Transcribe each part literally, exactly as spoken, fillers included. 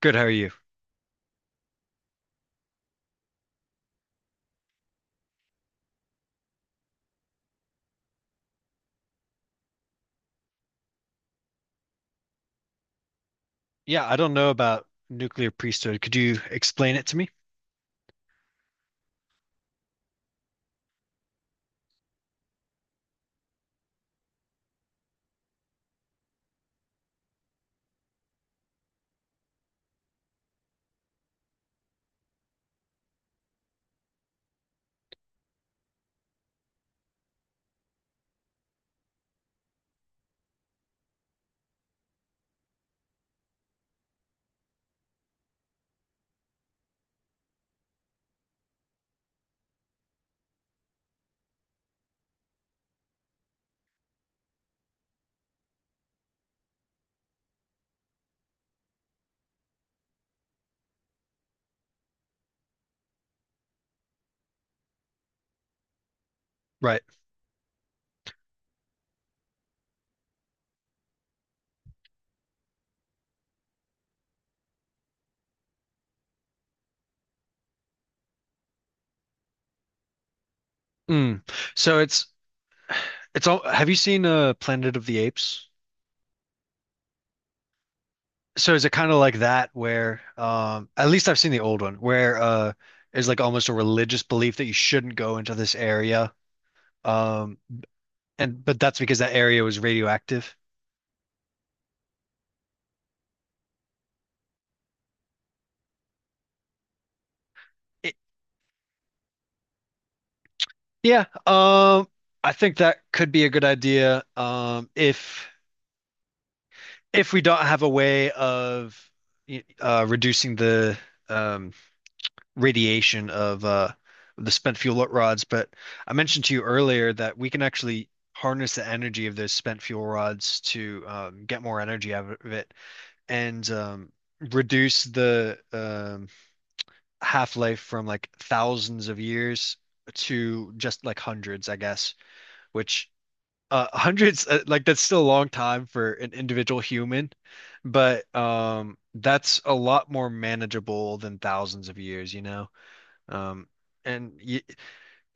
Good, how are you? Yeah, I don't know about nuclear priesthood. Could you explain it to me? Right. Mm. So it's it's all have you seen uh Planet of the Apes? So is it kind of like that where um at least I've seen the old one where uh is like almost a religious belief that you shouldn't go into this area. Um and But that's because that area was radioactive. It, yeah, um I think that could be a good idea um if if we don't have a way of uh, reducing the um, radiation of uh, the spent fuel rods, but I mentioned to you earlier that we can actually harness the energy of those spent fuel rods to um, get more energy out of it and um, reduce the um, half-life from like thousands of years to just like hundreds, I guess, which uh hundreds, uh, like that's still a long time for an individual human, but um that's a lot more manageable than thousands of years you know um and y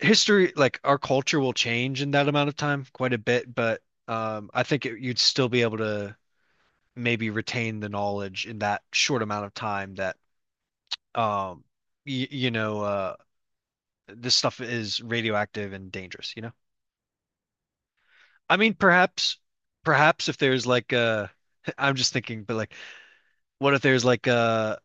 history like our culture, will change in that amount of time quite a bit, but um I think it, you'd still be able to maybe retain the knowledge in that short amount of time that um y you know uh this stuff is radioactive and dangerous you know I mean, perhaps, perhaps if there's like a, I'm just thinking, but like, what if there's like a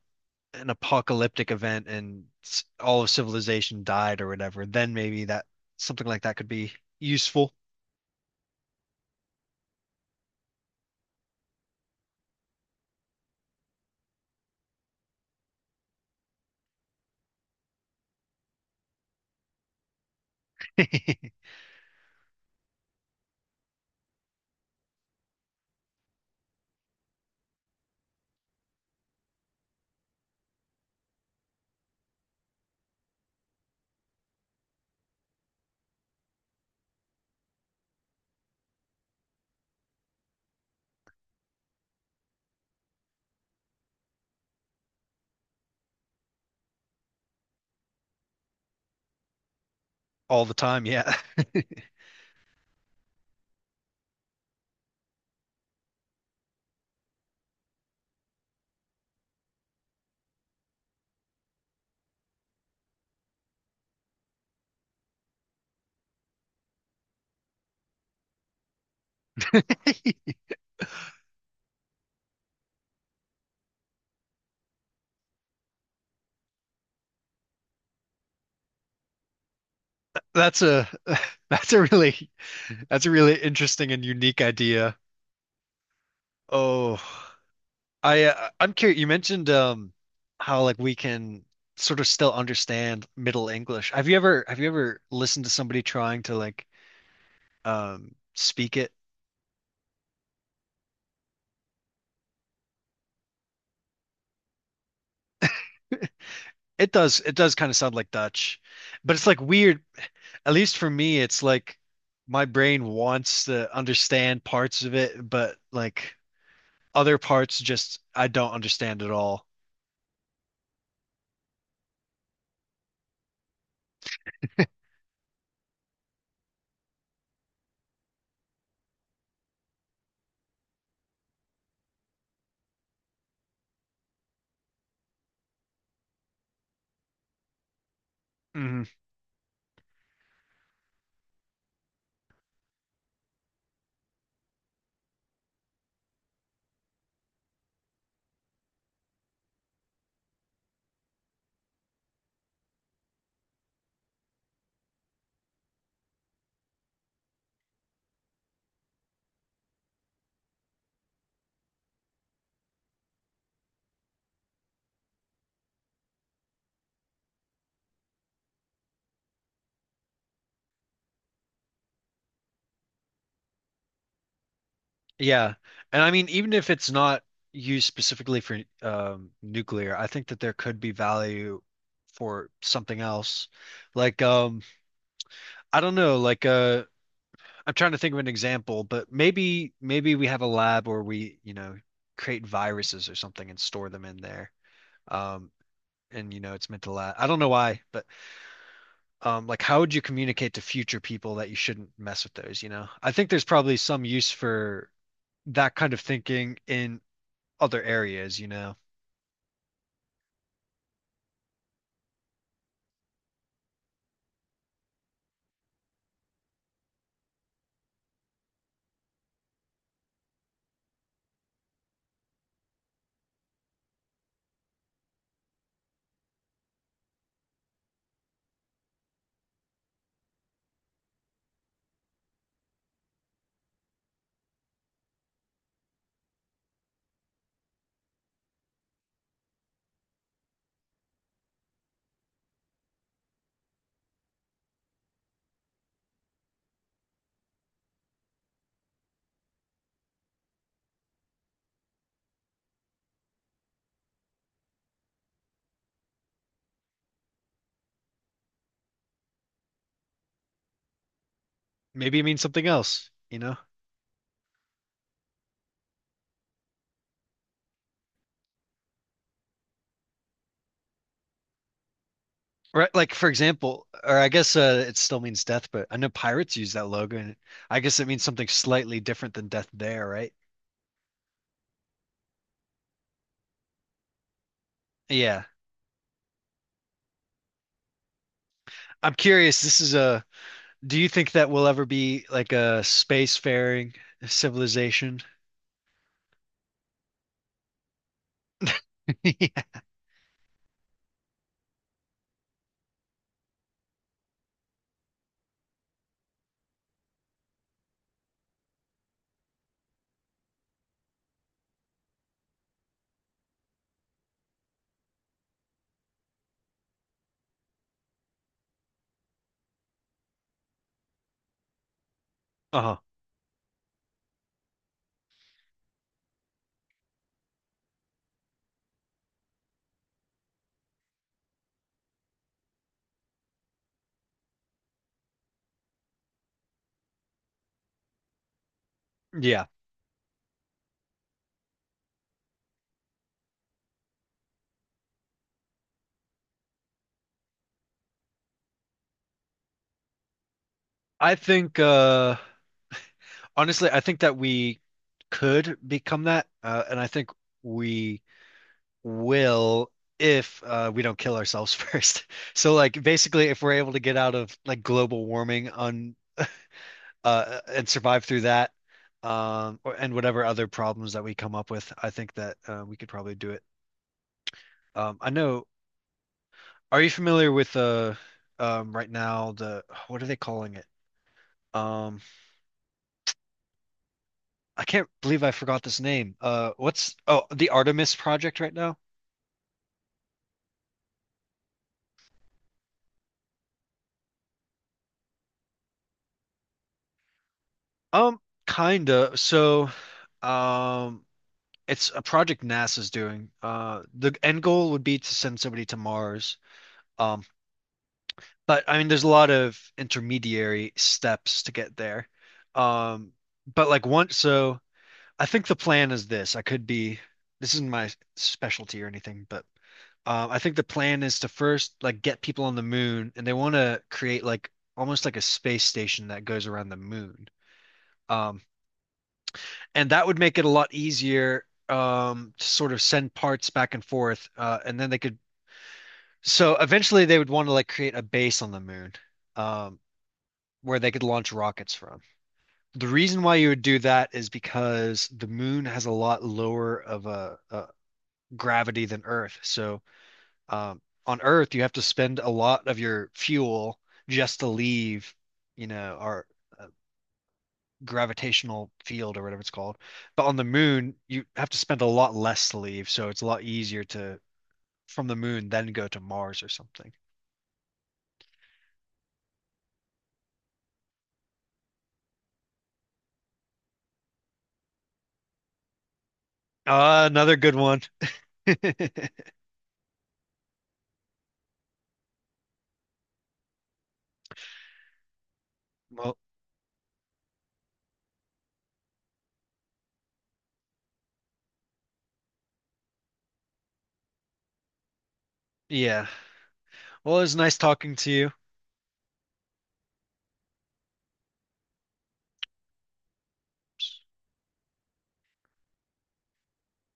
an apocalyptic event and s- all of civilization died or whatever? Then maybe that something like that could be useful. All the time. Yeah, that's a that's a really, that's a really interesting and unique idea. Oh, I uh, I'm curious. You mentioned um how like we can sort of still understand Middle English. Have you ever have you ever listened to somebody trying to like um, speak it. It does it does kind of sound like Dutch, but it's like weird. At least for me, it's like my brain wants to understand parts of it, but like other parts just I don't understand at all. Hmm. Yeah. And I mean, even if it's not used specifically for um, nuclear, I think that there could be value for something else. Like um I don't know, like uh I'm trying to think of an example, but maybe maybe we have a lab where we, you know, create viruses or something and store them in there. Um, and you know, it's meant to last. I don't know why, but um, like, how would you communicate to future people that you shouldn't mess with those? You know, I think there's probably some use for that kind of thinking in other areas. You know, maybe it means something else. You know, right? Like for example, or I guess, uh, it still means death, but I know pirates use that logo, and I guess it means something slightly different than death there, right? Yeah. I'm curious, this is a, do you think that we'll ever be like a spacefaring civilization? Yeah. Uh-huh. Yeah. I think uh honestly, I think that we could become that, uh and I think we will if uh we don't kill ourselves first. So like basically if we're able to get out of like global warming on uh and survive through that um or, and whatever other problems that we come up with, I think that, uh, we could probably do it. Um I know, are you familiar with uh um right now the, what are they calling it? Um, I can't believe I forgot this name. Uh what's oh The Artemis project right now? Um Kinda. So um it's a project NASA's doing. Uh the end goal would be to send somebody to Mars. Um but I mean there's a lot of intermediary steps to get there. Um but like once so I think the plan is this. I could be This isn't my specialty or anything, but Um, I think the plan is to first like get people on the moon, and they want to create like almost like a space station that goes around the moon. Um, and that would make it a lot easier, um, to sort of send parts back and forth, uh, and then they could. So eventually, they would want to like create a base on the moon um, where they could launch rockets from. The reason why you would do that is because the moon has a lot lower of a, a gravity than Earth. So Um, on Earth, you have to spend a lot of your fuel just to leave, you know, our uh, gravitational field or whatever it's called. But on the moon, you have to spend a lot less to leave, so it's a lot easier to from the moon then go to Mars or something. Uh, another good one. Well, yeah. Well, it was nice talking to you.